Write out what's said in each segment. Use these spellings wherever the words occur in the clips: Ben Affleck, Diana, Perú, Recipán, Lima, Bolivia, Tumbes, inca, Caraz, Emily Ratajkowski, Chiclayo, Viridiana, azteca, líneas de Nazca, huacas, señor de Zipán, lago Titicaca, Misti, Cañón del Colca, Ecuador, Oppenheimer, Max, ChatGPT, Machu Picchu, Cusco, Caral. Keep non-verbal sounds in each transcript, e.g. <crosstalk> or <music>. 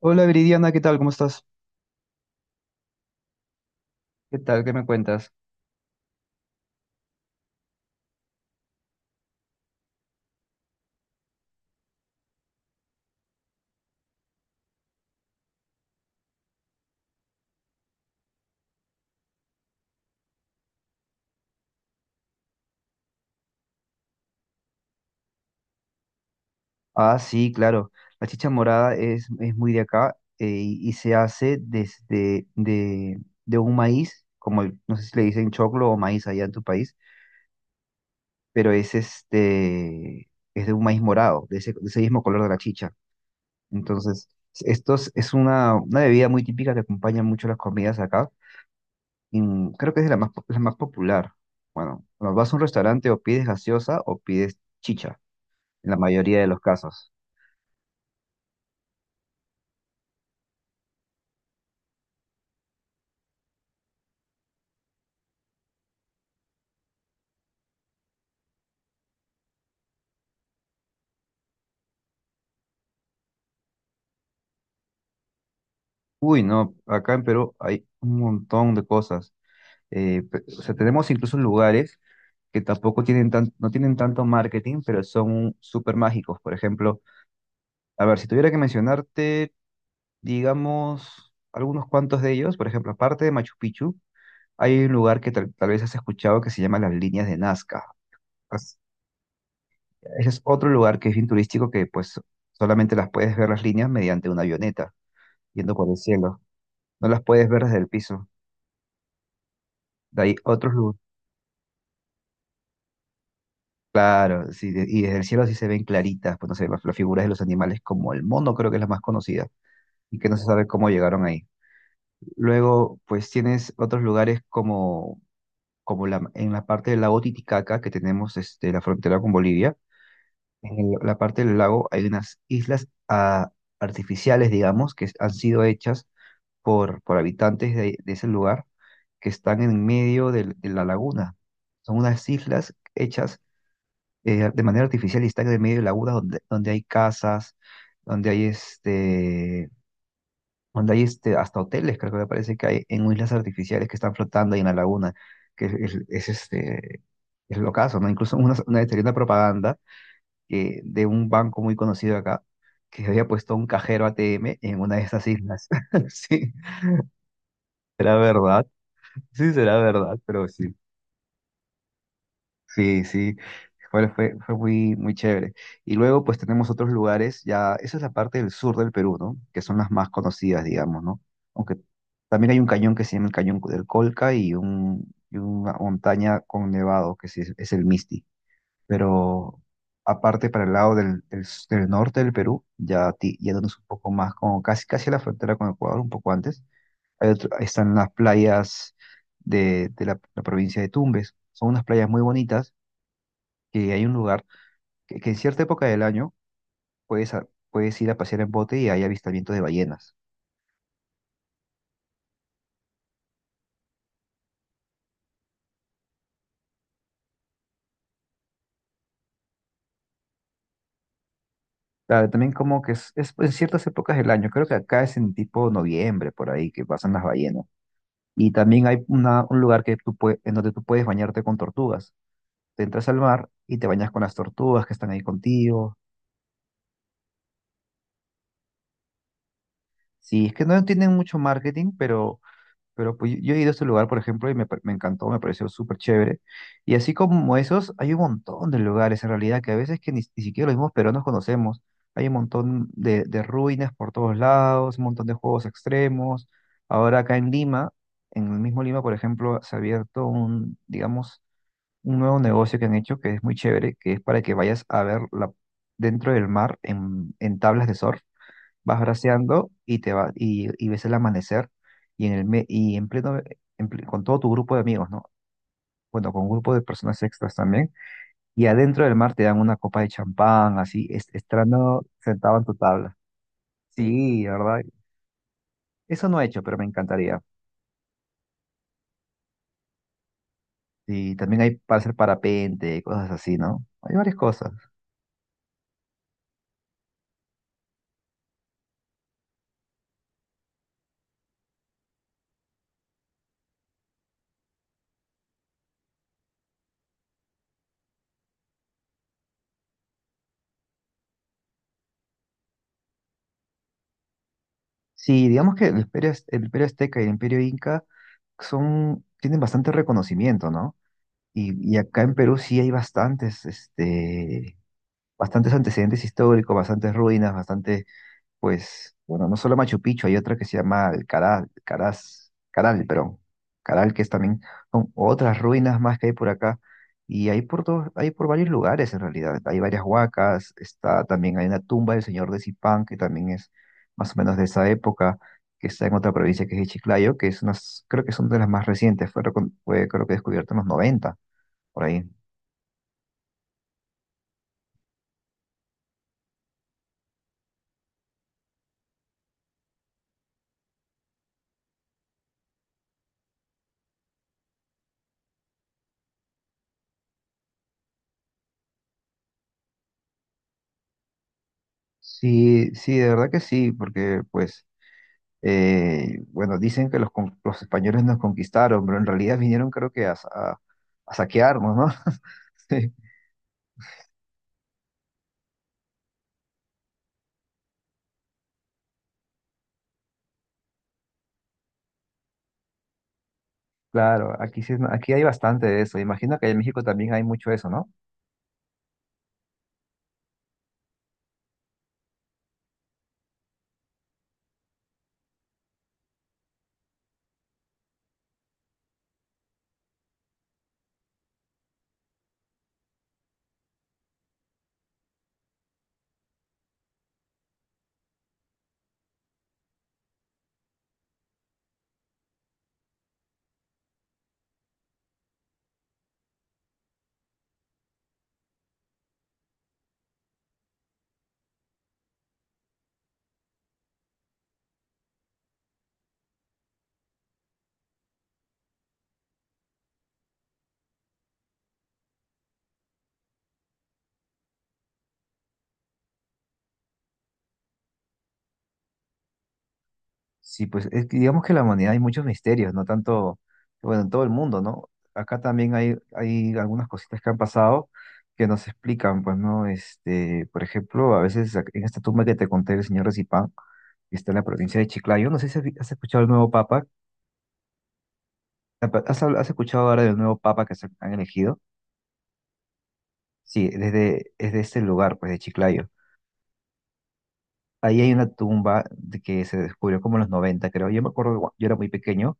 Hola Viridiana, ¿qué tal? ¿Cómo estás? ¿Qué tal? ¿Qué me cuentas? Ah, sí, claro. La chicha morada es muy de acá, y se hace de un maíz, como no sé si le dicen choclo o maíz allá en tu país, pero es de un maíz morado, de ese mismo color de la chicha. Entonces, es una bebida muy típica que acompaña mucho las comidas acá. Y creo que es de la la más popular. Bueno, cuando vas a un restaurante o pides gaseosa o pides chicha, en la mayoría de los casos. Uy, no, acá en Perú hay un montón de cosas. O sea, tenemos incluso lugares que tampoco no tienen tanto marketing, pero son súper mágicos. Por ejemplo, a ver, si tuviera que mencionarte, digamos, algunos cuantos de ellos, por ejemplo, aparte de Machu Picchu, hay un lugar que tal vez has escuchado que se llama las líneas de Nazca. As- Ese es otro lugar que es bien turístico, que pues solamente las puedes ver las líneas mediante una avioneta, yendo por el cielo. No las puedes ver desde el piso. De ahí otros lugares. Claro, sí, y desde el cielo sí se ven claritas, pues no sé, las figuras de los animales, como el mono, creo que es la más conocida, y que no se sabe cómo llegaron ahí. Luego, pues tienes otros lugares como en la parte del lago Titicaca, que tenemos este, la frontera con Bolivia. En la parte del lago hay unas islas, artificiales, digamos, que han sido hechas por habitantes de ese lugar, que están en medio de la laguna. Son unas islas hechas, de manera artificial, y están en el medio de lagunas donde, donde hay casas, donde hay este, donde hay este, hasta hoteles, creo, que me parece que hay en islas artificiales que están flotando ahí en la laguna, que es lo caso, ¿no? Incluso una vez salió una propaganda que, de un banco muy conocido acá, que había puesto un cajero ATM en una de esas islas. <laughs> Sí, será verdad, sí será verdad, pero sí. Sí, sí, fue muy, muy chévere. Y luego pues tenemos otros lugares. Ya, esa es la parte del sur del Perú, ¿no? Que son las más conocidas, digamos, ¿no? Aunque también hay un cañón que se llama el Cañón del Colca, y y una montaña con nevado, que sí es el Misti. Pero aparte para el lado del norte del Perú, ya yéndonos un poco más, como casi, casi a la frontera con Ecuador, un poco antes, ahí están las playas de la provincia de Tumbes. Son unas playas muy bonitas, que hay un lugar que en cierta época del año puedes ir a pasear en bote y hay avistamientos de ballenas. Claro, también como que es pues, en ciertas épocas del año, creo que acá es en tipo noviembre, por ahí, que pasan las ballenas. Y también hay un lugar que en donde tú puedes bañarte con tortugas. Te entras al mar y te bañas con las tortugas que están ahí contigo. Sí, es que no tienen mucho marketing, pero pues yo he ido a este lugar, por ejemplo, y me encantó, me pareció súper chévere. Y así como esos, hay un montón de lugares en realidad, que a veces que ni, ni siquiera los mismos peruanos conocemos. Hay un montón de ruinas por todos lados, un montón de juegos extremos. Ahora acá en Lima, en el mismo Lima, por ejemplo, se ha abierto un, digamos, un nuevo negocio que han hecho, que es muy chévere, que es para que vayas a ver dentro del mar en tablas de surf vas braceando y y ves el amanecer, y en el me- y en pleno en ple- con todo tu grupo de amigos, ¿no? Bueno, con un grupo de personas extras también. Y adentro del mar te dan una copa de champán, así, estando sentado en tu tabla. Sí, la ¿verdad? Eso no he hecho, pero me encantaría. Y también hay para hacer parapente, cosas así, ¿no? Hay varias cosas. Sí, digamos que el el imperio azteca y el imperio inca son, tienen bastante reconocimiento, ¿no? Y acá en Perú sí hay bastantes, este, bastantes antecedentes históricos, bastantes ruinas, bastante, pues, bueno, no solo Machu Picchu, hay otra que se llama el Caral, pero Caral, que es también, son otras ruinas más que hay por acá, y hay por todos, hay por varios lugares en realidad, hay varias huacas. Está también, hay una tumba del señor de Zipán, que también es más o menos de esa época, que está en otra provincia que es Chiclayo, que es unas, creo que son de las más recientes, fue creo que descubierta en los 90 por ahí. Sí, sí, de verdad que sí, porque pues, bueno, dicen que los españoles nos conquistaron, pero en realidad vinieron creo que a saquearnos, ¿no? <laughs> Sí, claro, aquí, sí, aquí hay bastante de eso. Imagino que en México también hay mucho eso, ¿no? Sí, pues es que digamos que en la humanidad hay muchos misterios, no tanto, bueno, en todo el mundo, ¿no? Acá también hay algunas cositas que han pasado que nos explican, pues, ¿no? Este, por ejemplo, a veces en esta tumba que te conté del señor Recipán, que está en la provincia de Chiclayo, no sé si has escuchado el nuevo papa. ¿Has, has escuchado ahora del nuevo papa que se han elegido? Sí, desde ese lugar, pues de Chiclayo. Ahí hay una tumba de que se descubrió como en los noventa, creo. Yo me acuerdo, que yo era muy pequeño.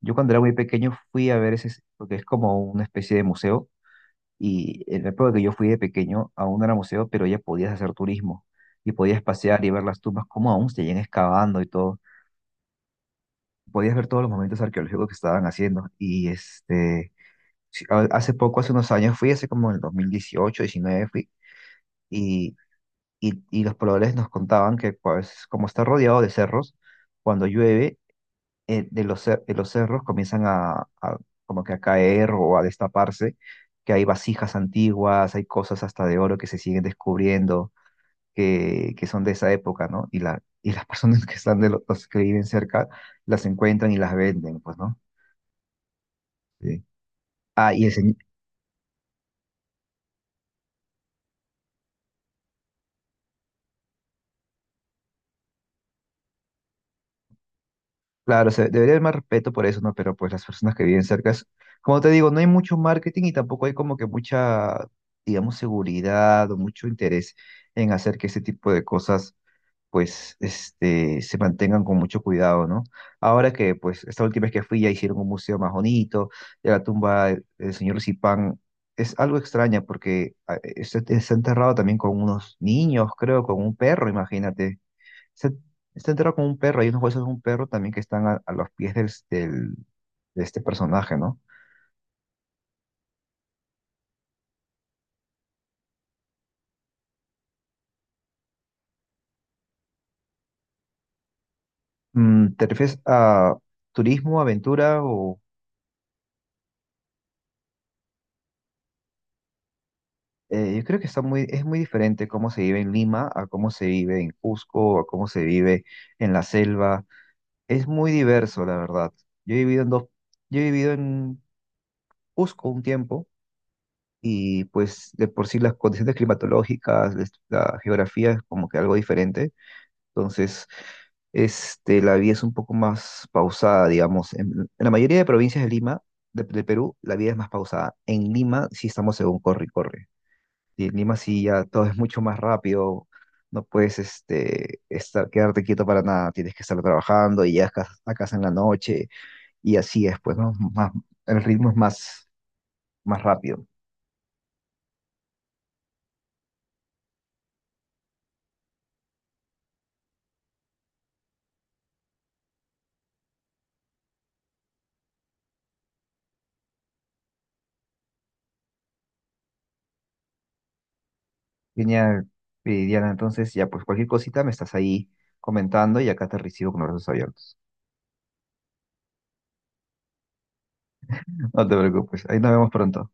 Yo cuando era muy pequeño fui a ver ese, porque es como una especie de museo. Y en la época que yo fui de pequeño, aún no era museo, pero ya podías hacer turismo y podías pasear y ver las tumbas, como aún se seguían excavando y todo. Podías ver todos los momentos arqueológicos que estaban haciendo. Y este, sí, hace poco, hace unos años, fui, hace como en el 2018, 19, fui, y y los pobladores nos contaban que pues como está rodeado de cerros, cuando llueve, de los cerros comienzan a como que a caer o a destaparse, que hay vasijas antiguas, hay cosas hasta de oro que se siguen descubriendo, que son de esa época, ¿no? Y, la, y las <laughs> personas que están los que viven cerca las encuentran y las venden, pues, ¿no? Sí. Ah, y claro, se debería haber más respeto por eso, ¿no? Pero pues las personas que viven cerca, como te digo, no hay mucho marketing, y tampoco hay como que mucha, digamos, seguridad o mucho interés en hacer que ese tipo de cosas, pues, este, se mantengan con mucho cuidado, ¿no? Ahora que, pues, esta última vez que fui ya hicieron un museo más bonito. Ya la tumba del señor Zipán es algo extraña, porque está enterrado también con unos niños, creo, con un perro, imagínate. Está, está enterrado como un perro, hay unos huesos de un perro también que están a los pies de este personaje, ¿no? Mm, ¿te refieres a turismo, aventura o...? Eh, yo creo que está muy, es muy diferente cómo se vive en Lima a cómo se vive en Cusco, a cómo se vive en la selva. Es muy diverso, la verdad. Yo he vivido en dos, yo he vivido en Cusco un tiempo, y pues de por sí las condiciones climatológicas, la geografía es como que algo diferente. Entonces, este, la vida es un poco más pausada, digamos. En la mayoría de provincias de Lima, de Perú, la vida es más pausada. En Lima sí estamos según corre y corre. Y en Lima sí ya todo es mucho más rápido. No puedes este, estar, quedarte quieto para nada. Tienes que estar trabajando y llegas a casa en la noche. Y así es, pues, ¿no? Más, el ritmo más rápido. Genial, Diana. Entonces, ya, pues cualquier cosita me estás ahí comentando, y acá te recibo con los brazos abiertos. No te preocupes, ahí nos vemos pronto.